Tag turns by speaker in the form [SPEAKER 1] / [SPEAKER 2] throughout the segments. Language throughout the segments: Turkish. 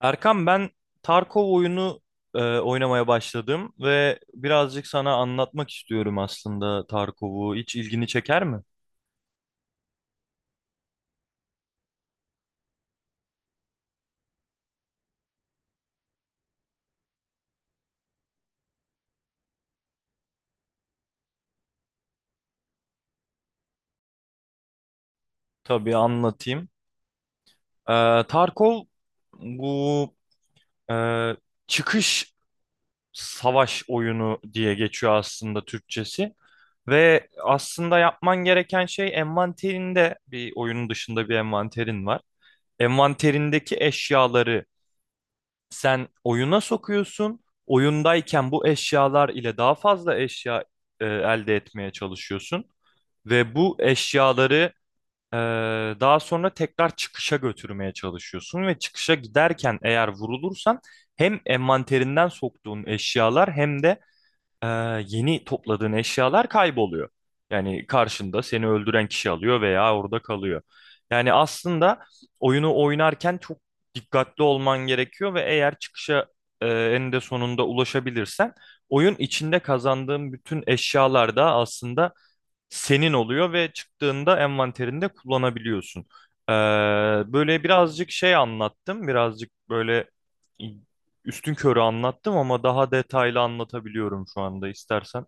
[SPEAKER 1] Erkan ben Tarkov oyunu oynamaya başladım ve birazcık sana anlatmak istiyorum aslında Tarkov'u. Hiç ilgini çeker mi? Tabii anlatayım. E, Tarkov bu e, çıkış savaş oyunu diye geçiyor aslında Türkçesi. Ve aslında yapman gereken şey envanterinde, bir oyunun dışında bir envanterin var. Envanterindeki eşyaları sen oyuna sokuyorsun. Oyundayken bu eşyalar ile daha fazla eşya elde etmeye çalışıyorsun ve bu eşyaları e, daha sonra tekrar çıkışa götürmeye çalışıyorsun ve çıkışa giderken eğer vurulursan hem envanterinden soktuğun eşyalar hem de e, yeni topladığın eşyalar kayboluyor. Yani karşında seni öldüren kişi alıyor veya orada kalıyor. Yani aslında oyunu oynarken çok dikkatli olman gerekiyor ve eğer çıkışa eninde sonunda ulaşabilirsen oyun içinde kazandığın bütün eşyalar da aslında senin oluyor ve çıktığında envanterinde kullanabiliyorsun. Ee, Böyle birazcık şey anlattım, birazcık böyle üstün körü anlattım ama daha detaylı anlatabiliyorum şu anda istersen.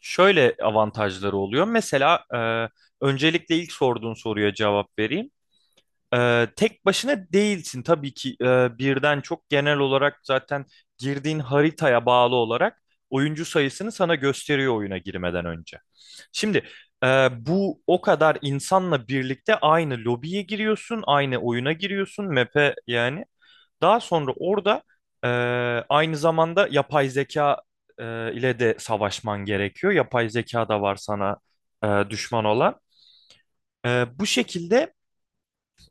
[SPEAKER 1] Şöyle avantajları oluyor. Mesela öncelikle ilk sorduğun soruya cevap vereyim. Tek başına değilsin tabii ki, birden çok, genel olarak zaten girdiğin haritaya bağlı olarak oyuncu sayısını sana gösteriyor oyuna girmeden önce. Şimdi e, bu o kadar insanla birlikte aynı lobiye giriyorsun, aynı oyuna giriyorsun, map'e yani. Daha sonra orada e, aynı zamanda yapay zeka e, ile de savaşman gerekiyor. Yapay zeka da var sana düşman olan. Bu şekilde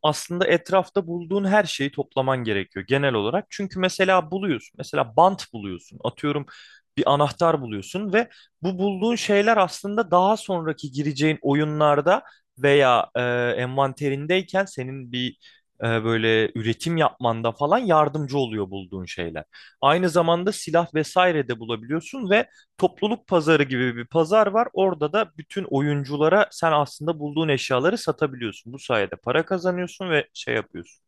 [SPEAKER 1] aslında etrafta bulduğun her şeyi toplaman gerekiyor genel olarak. Çünkü mesela buluyorsun, mesela bant buluyorsun, atıyorum bir anahtar buluyorsun ve bu bulduğun şeyler aslında daha sonraki gireceğin oyunlarda veya envanterindeyken senin bir böyle üretim yapmanda falan yardımcı oluyor, bulduğun şeyler. Aynı zamanda silah vesaire de bulabiliyorsun ve topluluk pazarı gibi bir pazar var. Orada da bütün oyunculara sen aslında bulduğun eşyaları satabiliyorsun. Bu sayede para kazanıyorsun ve şey yapıyorsun.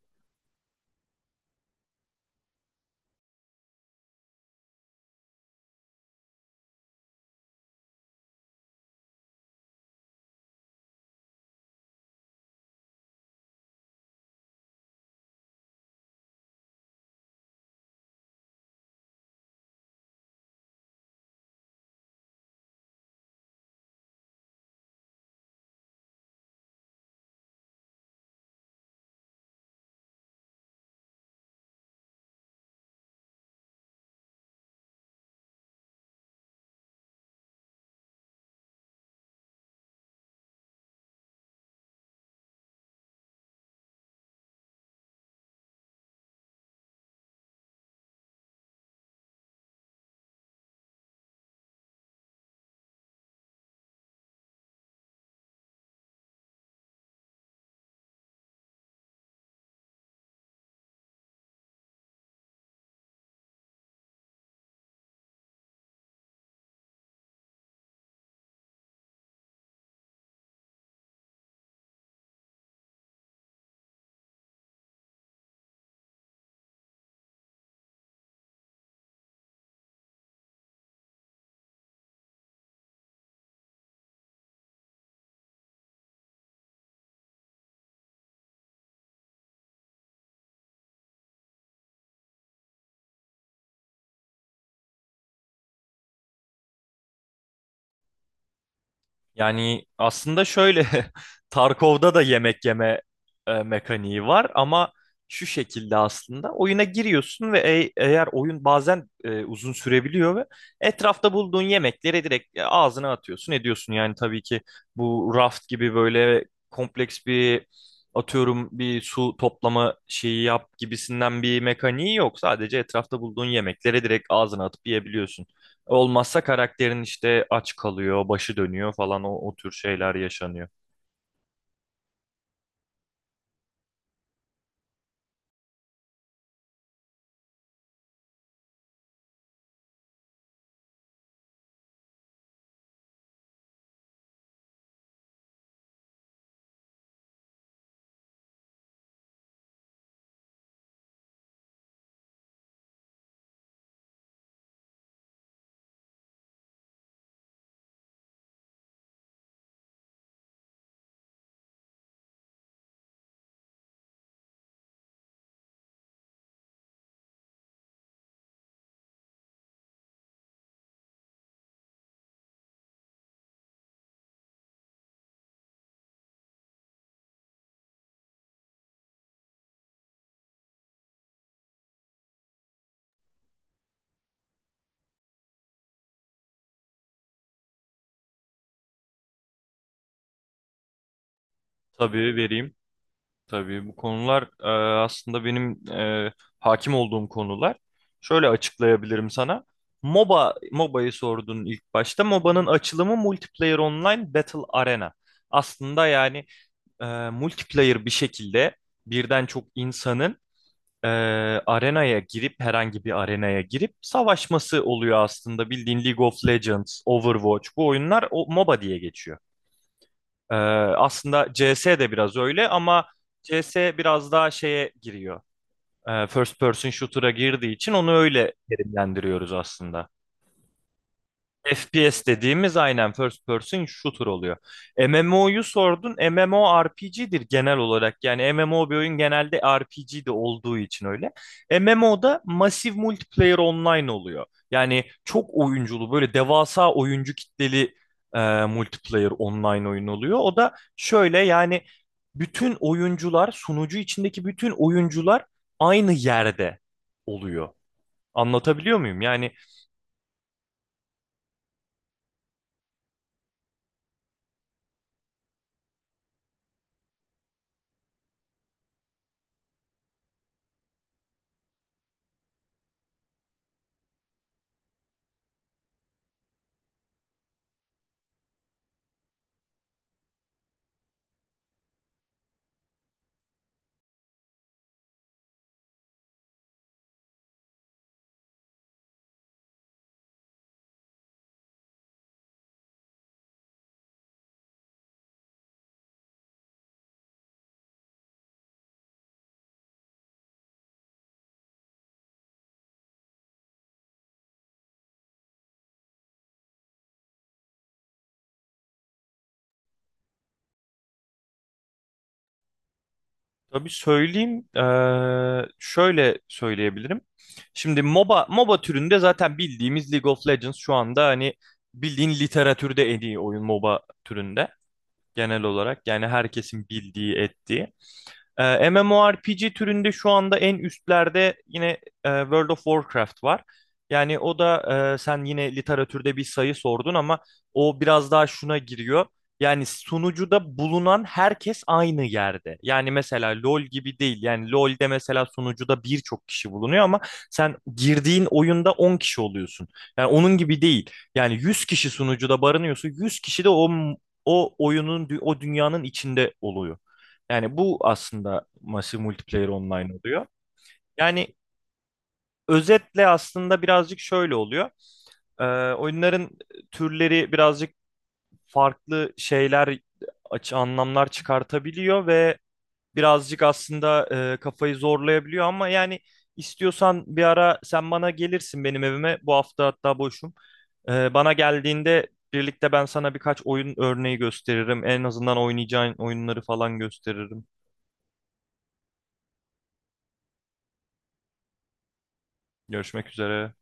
[SPEAKER 1] Yani aslında şöyle Tarkov'da da yemek yeme mekaniği var ama şu şekilde aslında oyuna giriyorsun ve eğer oyun bazen uzun sürebiliyor ve etrafta bulduğun yemekleri direkt ağzına atıyorsun, ediyorsun. Yani tabii ki bu raft gibi böyle kompleks bir, atıyorum, bir su toplama şeyi yap gibisinden bir mekaniği yok. Sadece etrafta bulduğun yemekleri direkt ağzına atıp yiyebiliyorsun. Olmazsa karakterin işte aç kalıyor, başı dönüyor falan, o tür şeyler yaşanıyor. Tabii vereyim. Tabii bu konular aslında benim hakim olduğum konular. Şöyle açıklayabilirim sana. MOBA, MOBA'yı sordun ilk başta. MOBA'nın açılımı Multiplayer Online Battle Arena. Aslında yani e, multiplayer bir şekilde birden çok insanın e, arenaya girip, herhangi bir arenaya girip savaşması oluyor aslında. Bildiğin League of Legends, Overwatch, bu oyunlar o MOBA diye geçiyor. E, Aslında CS de biraz öyle ama CS biraz daha şeye giriyor. First person shooter'a girdiği için onu öyle terimlendiriyoruz aslında. FPS dediğimiz aynen first person shooter oluyor. MMO'yu sordun. MMORPG'dir genel olarak. Yani MMO bir oyun genelde RPG de olduğu için öyle. MMO'da masif multiplayer online oluyor. Yani çok oyunculu, böyle devasa oyuncu kitleli e, multiplayer online oyun oluyor. O da şöyle yani, bütün oyuncular, sunucu içindeki bütün oyuncular aynı yerde oluyor. Anlatabiliyor muyum? Yani tabii söyleyeyim. Şöyle söyleyebilirim. Şimdi MOBA türünde zaten bildiğimiz League of Legends şu anda hani bildiğin literatürde en iyi oyun MOBA türünde genel olarak. Yani herkesin bildiği, ettiği. MMORPG türünde şu anda en üstlerde yine World of Warcraft var. Yani o da, sen yine literatürde bir sayı sordun ama o biraz daha şuna giriyor. Yani sunucuda bulunan herkes aynı yerde. Yani mesela LoL gibi değil. Yani LoL'de mesela sunucuda birçok kişi bulunuyor ama sen girdiğin oyunda 10 kişi oluyorsun. Yani onun gibi değil. Yani 100 kişi sunucuda barınıyorsa, 100 kişi de o oyunun, o dünyanın içinde oluyor. Yani bu aslında Massive Multiplayer Online oluyor. Yani özetle aslında birazcık şöyle oluyor. Ee, Oyunların türleri birazcık farklı şeyler, açı anlamlar çıkartabiliyor ve birazcık aslında kafayı zorlayabiliyor ama yani istiyorsan bir ara sen bana gelirsin, benim evime. Bu hafta hatta boşum. Bana geldiğinde birlikte ben sana birkaç oyun örneği gösteririm. En azından oynayacağın oyunları falan gösteririm. Görüşmek üzere.